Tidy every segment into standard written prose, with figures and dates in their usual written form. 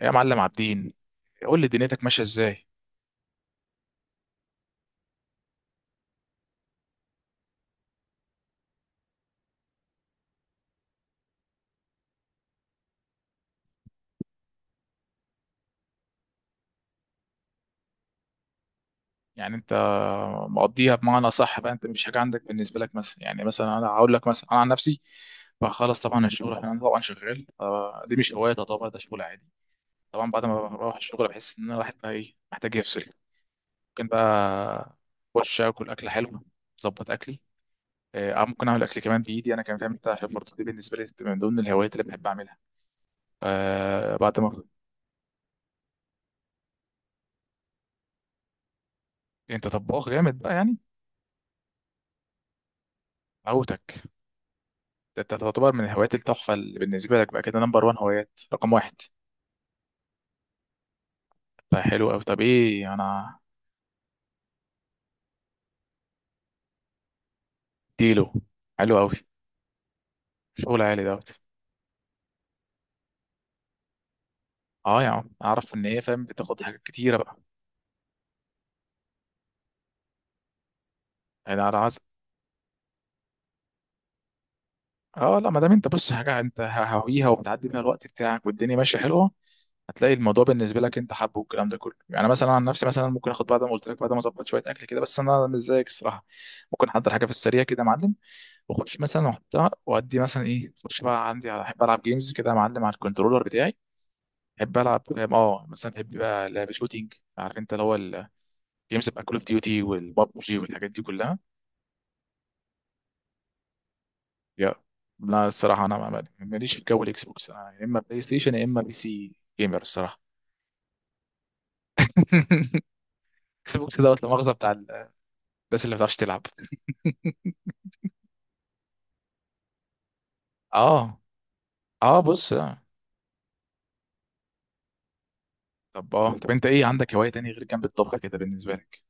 يا معلم عابدين، قول لي دنيتك ماشيه ازاي؟ يعني انت مقضيها بمعنى صح بقى؟ انت مش حاجه عندك بالنسبه لك مثلا؟ يعني مثلا انا هقول لك مثلا انا عن نفسي، بخلص طبعا الشغل، انا طبعا شغال. دي مش هوايه طبعا، ده شغل عادي. طبعا بعد ما بروح الشغل بحس ان انا الواحد بقى ايه، محتاج يفصل. ممكن بقى اخش اكل اكله حلوه، اظبط اكلي. ممكن اعمل اكل كمان بايدي انا كمان، فاهم انت؟ عشان برضه دي بالنسبه لي من ضمن الهوايات اللي بحب اعملها. آه، بعد ما انت طباخ جامد بقى يعني. عوتك، ده انت تعتبر من الهوايات التحفة اللي بالنسبة لك بقى كده، نمبر وان، هوايات رقم واحد. طيب حلو أوي. طب ايه أنا. اديله، حلو أوي، شغل عالي دوت. اه يا عم أعرف إن هي فاهم بتاخد حاجات كتيرة بقى. يعني أنا عايز، اه لا ما دام انت بص حاجة انت هاويها وبتعدي بيها الوقت بتاعك والدنيا ماشية حلوة، هتلاقي الموضوع بالنسبة لك انت حابه والكلام ده كله. يعني مثلا عن نفسي، مثلا ممكن اخد بعد ما قلت لك، بعد ما اظبط شوية أكل كده، بس أنا مش زيك الصراحة. ممكن احضر حاجة في السريع كده يا معلم، واخش مثلا واحطها وادي مثلا ايه، اخش بقى عندي على، احب العب جيمز كده يا معلم على الكنترولر بتاعي. احب العب فاهم؟ اه مثلا بحب بقى لعب شوتينج، عارف انت اللي هو الجيمز بقى، كول اوف ديوتي والبابجي والحاجات دي كلها. يا، لا الصراحه انا ماليش في جو الاكس بوكس. انا يا اما بلاي ستيشن يا اما بي سي جيمر الصراحه. اكس بوكس دوت، لا مؤاخذه بتاع الناس اللي ما بتعرفش تلعب. اه. اه بص. طب اه طب انت ايه عندك هوايه تانية غير جنب الطبخ كده بالنسبه لك؟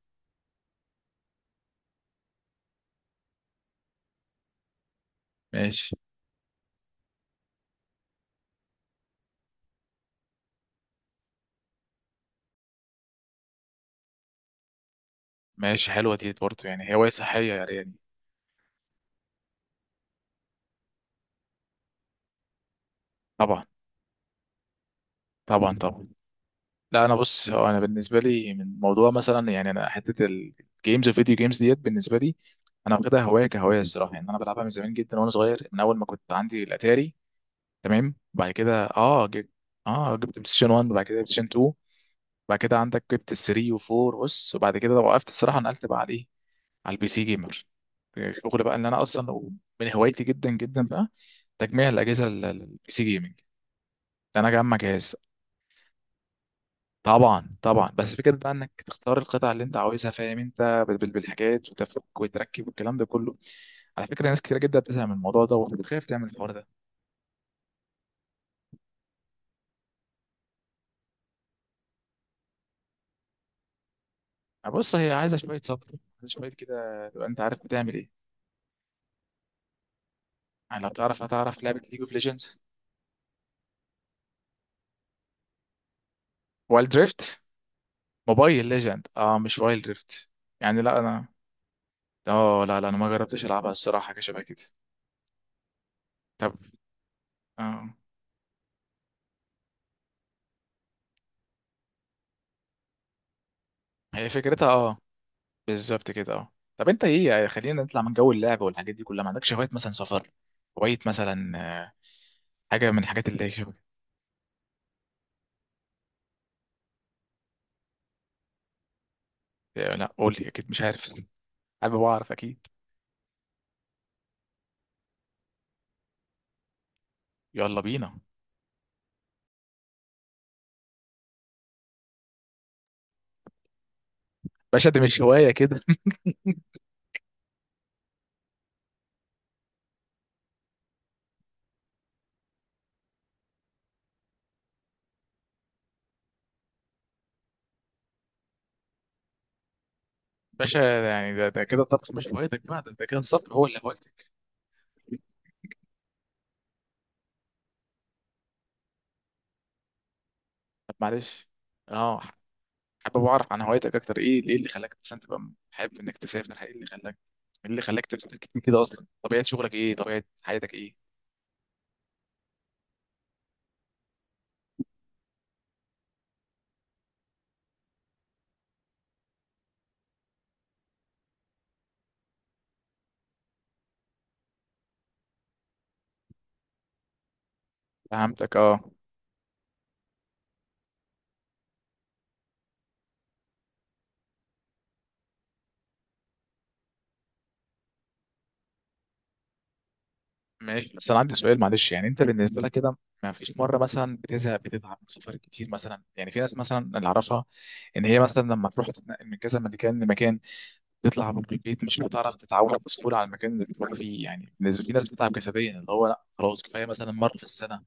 ماشي. ماشي حلوه دي برضه يعني، هوايه صحيه يعني. طبعا. طبعا طبعا. لا انا بص، هو انا بالنسبه لي من موضوع مثلا، يعني انا حته الجيمز والفيديو جيمز ديت بالنسبه لي، انا واخدها هوايه كهوايه الصراحه. يعني انا بلعبها من زمان جدا وانا صغير، من اول ما كنت عندي الاتاري، تمام؟ بعد كده جبت بلاي ستيشن 1، بعد كده بلاي ستيشن 2، بعد كده عندك جبت ال 3 و4، بص. وبعد كده وقفت الصراحه، نقلت بقى على ايه، على البي سي جيمر، الشغل بقى اللي انا اصلا من هوايتي جدا بقى، تجميع الاجهزه، البي سي جيمنج. انا اجمع جهاز. طبعا طبعا، بس فكرة بقى انك تختار القطع اللي انت عاوزها، فاهم انت بالحاجات، وتفك وتركب والكلام ده كله. على فكرة ناس كتير جدا بتزهق من الموضوع ده وبتخاف تعمل الحوار ده. بص هي عايزة شوية صبر، عايزة شوية كده تبقى انت عارف بتعمل ايه. يعني لو تعرف، هتعرف لعبة ليج اوف ليجندز؟ وايلد دريفت؟ موبايل ليجند، اه مش وايلد دريفت. يعني لا انا لا انا ما جربتش العبها الصراحة، حاجة شبه كده. طب، اه هي فكرتها اه، بالظبط كده اه. طب انت ايه يعني، خلينا نطلع من جو اللعب والحاجات دي كلها، ما عندكش هوايات مثلا سفر، هواية مثلا، آه، حاجة من الحاجات اللي هي؟ لا قول لي اكيد مش عارف. حابب اعرف اكيد. يلا بينا. باشا ده مش هواية كده. باشا ده يعني ده كده الطبخ مش هوايتك بقى، ده كده السفر هو اللي هوايتك. طب معلش، اه حابب اعرف عن هوايتك اكتر. ايه ايه اللي خلاك مثلا تبقى حابب انك تسافر؟ ايه اللي خلاك، ايه اللي خلاك تسافر كتير كده؟ اصلا طبيعة شغلك ايه؟ طبيعة حياتك ايه؟ فهمتك. اه ماشي. بس انا عندي سؤال معلش، يعني انت بالنسبه لك كده ما فيش مره مثلا بتزهق بتتعب من السفر كتير مثلا؟ يعني في ناس مثلا اللي اعرفها ان هي مثلا لما تروح تتنقل من كذا مكان لمكان، تطلع من البيت مش بتعرف تتعود بسهوله على المكان اللي بتروح فيه، يعني بالنسبه في ناس بتتعب جسديا، اللي هو لا خلاص كفايه مثلا مره في السنه،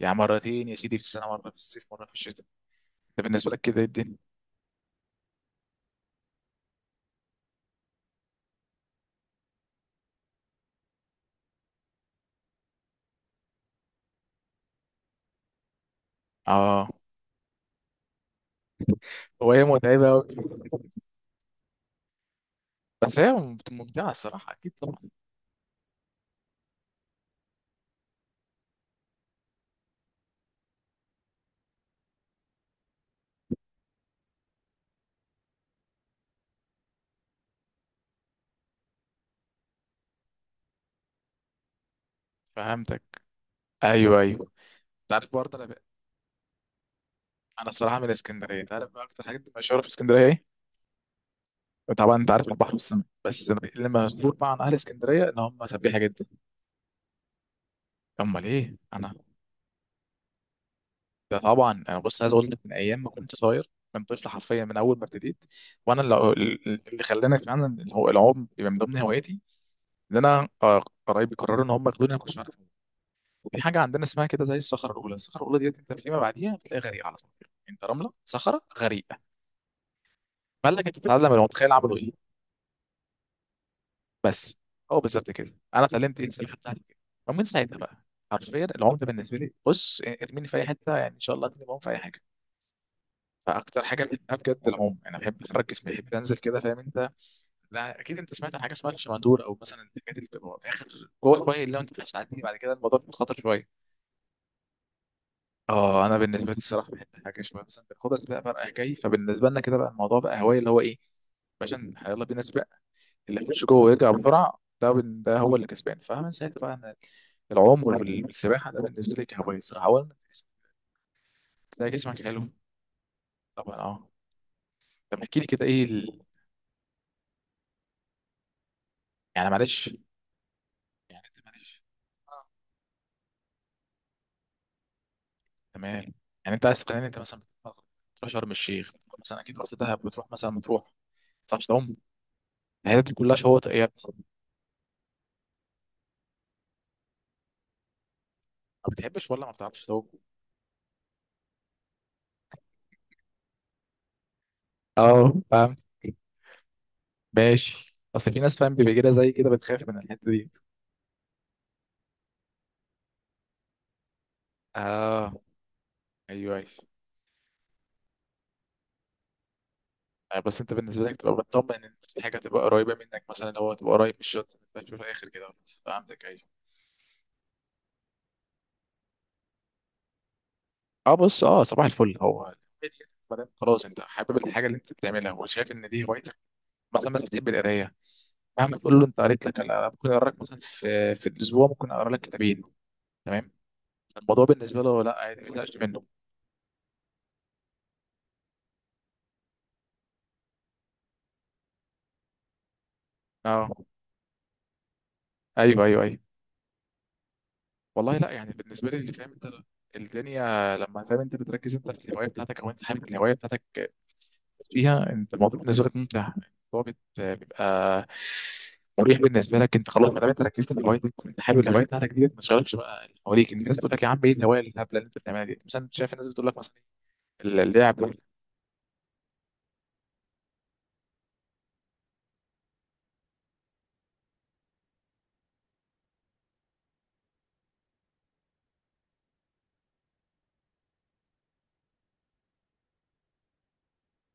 يعني مرتين يا سيدي في السنه، مره في الصيف مره في الشتاء. ده بالنسبه لك كده إيه الدنيا؟ اه هو هي متعبه أوي. بس هي ممتعه الصراحه اكيد طبعا. فهمتك. ايوه ايوه. تعرف برضه، انا الصراحه من الاسكندريه، انت عارف بقى اكتر حاجات مشهوره في اسكندريه ايه؟ طبعا انت عارف البحر والسمك، بس أنا اللي مشهور بقى عن اهل اسكندريه ان هم سبيحه جدا. امال ايه؟ انا ده طبعا، انا بص عايز اقول لك، من ايام ما كنت صغير، من طفل حرفيا، من اول ما ابتديت، وانا اللي, اللي خلاني فعلا اللي هو العوم يبقى من ضمن هواياتي، ان انا قرايبي قرروا ان هم ياخدوني انا كنتش عارف. في حاجه عندنا اسمها كده زي الصخره الاولى، الصخره الاولى ديت انت فيما بعديها بتلاقي غريقه على طول، يعني انت رمله صخره غريقه. فقال لك انت تتعلم المتخيل عملوا ايه؟ بس هو بالظبط كده انا اتعلمت ايه السباحه بتاعتي كده. ومن ساعتها بقى حرفيا العوم ده بالنسبه لي، بص ارميني في اي حته، يعني ان شاء الله هتلاقيني بعوم في اي حاجه. فاكتر حاجه بحبها بجد العوم. انا بحب احرك جسمي، بحب انزل كده فاهم انت؟ لا اكيد انت سمعت عن حاجه اسمها الشمندور، او مثلا الحاجات اللي بتبقى في اخر جوه الميه، اللي لو انت مش هتعدي بعد كده الموضوع بيبقى خطر شويه. اه انا بالنسبه لي الصراحه بحب حاجه شويه، مثلا بناخدها سباق بقى رايح جاي، فبالنسبه لنا كده بقى الموضوع بقى هوايه اللي هو ايه، باشا يلا بينا سباق، اللي يخش جوه ويرجع بسرعه ده هو اللي كسبان. فمن ساعتها بقى انا العوم والسباحه ده بالنسبه لي كهوايه الصراحه اولا. تلاقي جسمك حلو طبعا. اه طب احكي لي كده ايه يعني معلش، يعني انت معلش، آه. تمام. يعني انت عايز تقنعني انت مثلا بتروح، بتروح شرم الشيخ، بتروح مثلا اكيد رحت دهب، بتروح مثلا مطروح ما بتعرفش تعوم؟ الحاجات دي كلها شواطئ ايه يا ابني! ما بتحبش ولا ما بتعرفش تعوم؟ اه فاهم. ماشي، اصل في ناس فاهم بيبقى كده زي كده بتخاف من الحته دي. اه ايوه ايوه. بس انت بالنسبه لك تبقى مطمن ان في حاجه تبقى قريبه منك، مثلا لو هو تبقى قريب من الشط ما تبقاش في الاخر كده. فهمتك، ايوه. اه بص، اه صباح الفل. هو هي دي، ما دام خلاص انت حابب الحاجه اللي انت بتعملها وشايف ان دي هوايتك، مثلا انت بتحب القرايه، مهما تقول له انت قريت لك انا ممكن اقرا لك مثلا في الاسبوع ممكن اقرا لك 2 كتابين، تمام، الموضوع بالنسبه له لا عادي ما يزهقش منه. اه ايوه ايوه ايوه. والله لا يعني بالنسبه لي اللي فاهم انت الدنيا، لما فاهم انت بتركز انت في الهوايه بتاعتك او انت حابب الهوايه بتاعتك فيها انت، الموضوع بالنسبه لك ممتع، الموضوع بيبقى مريح بالنسبه لك انت. خلاص ما دام انت ركزت في هوايتك وانت حابب الهوايه بتاعتك دي، ما تشغلش بقى اللي حواليك، الناس تقول لك يا عم ايه الهوايه الهبله اللي انت بتعملها دي مثلا، شايف الناس بتقول لك مثلا اللعب.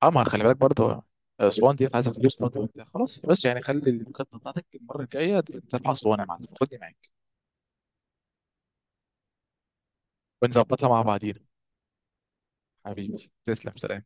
اه ما خلي بالك برضه، اسوان دي عايزه فلوس برضه وانت خلاص، بس يعني خلي الخطه بتاعتك المره الجايه ترفع اسوان يا معلم، خدني معاك ونظبطها مع بعضينا. حبيبي تسلم، سلام.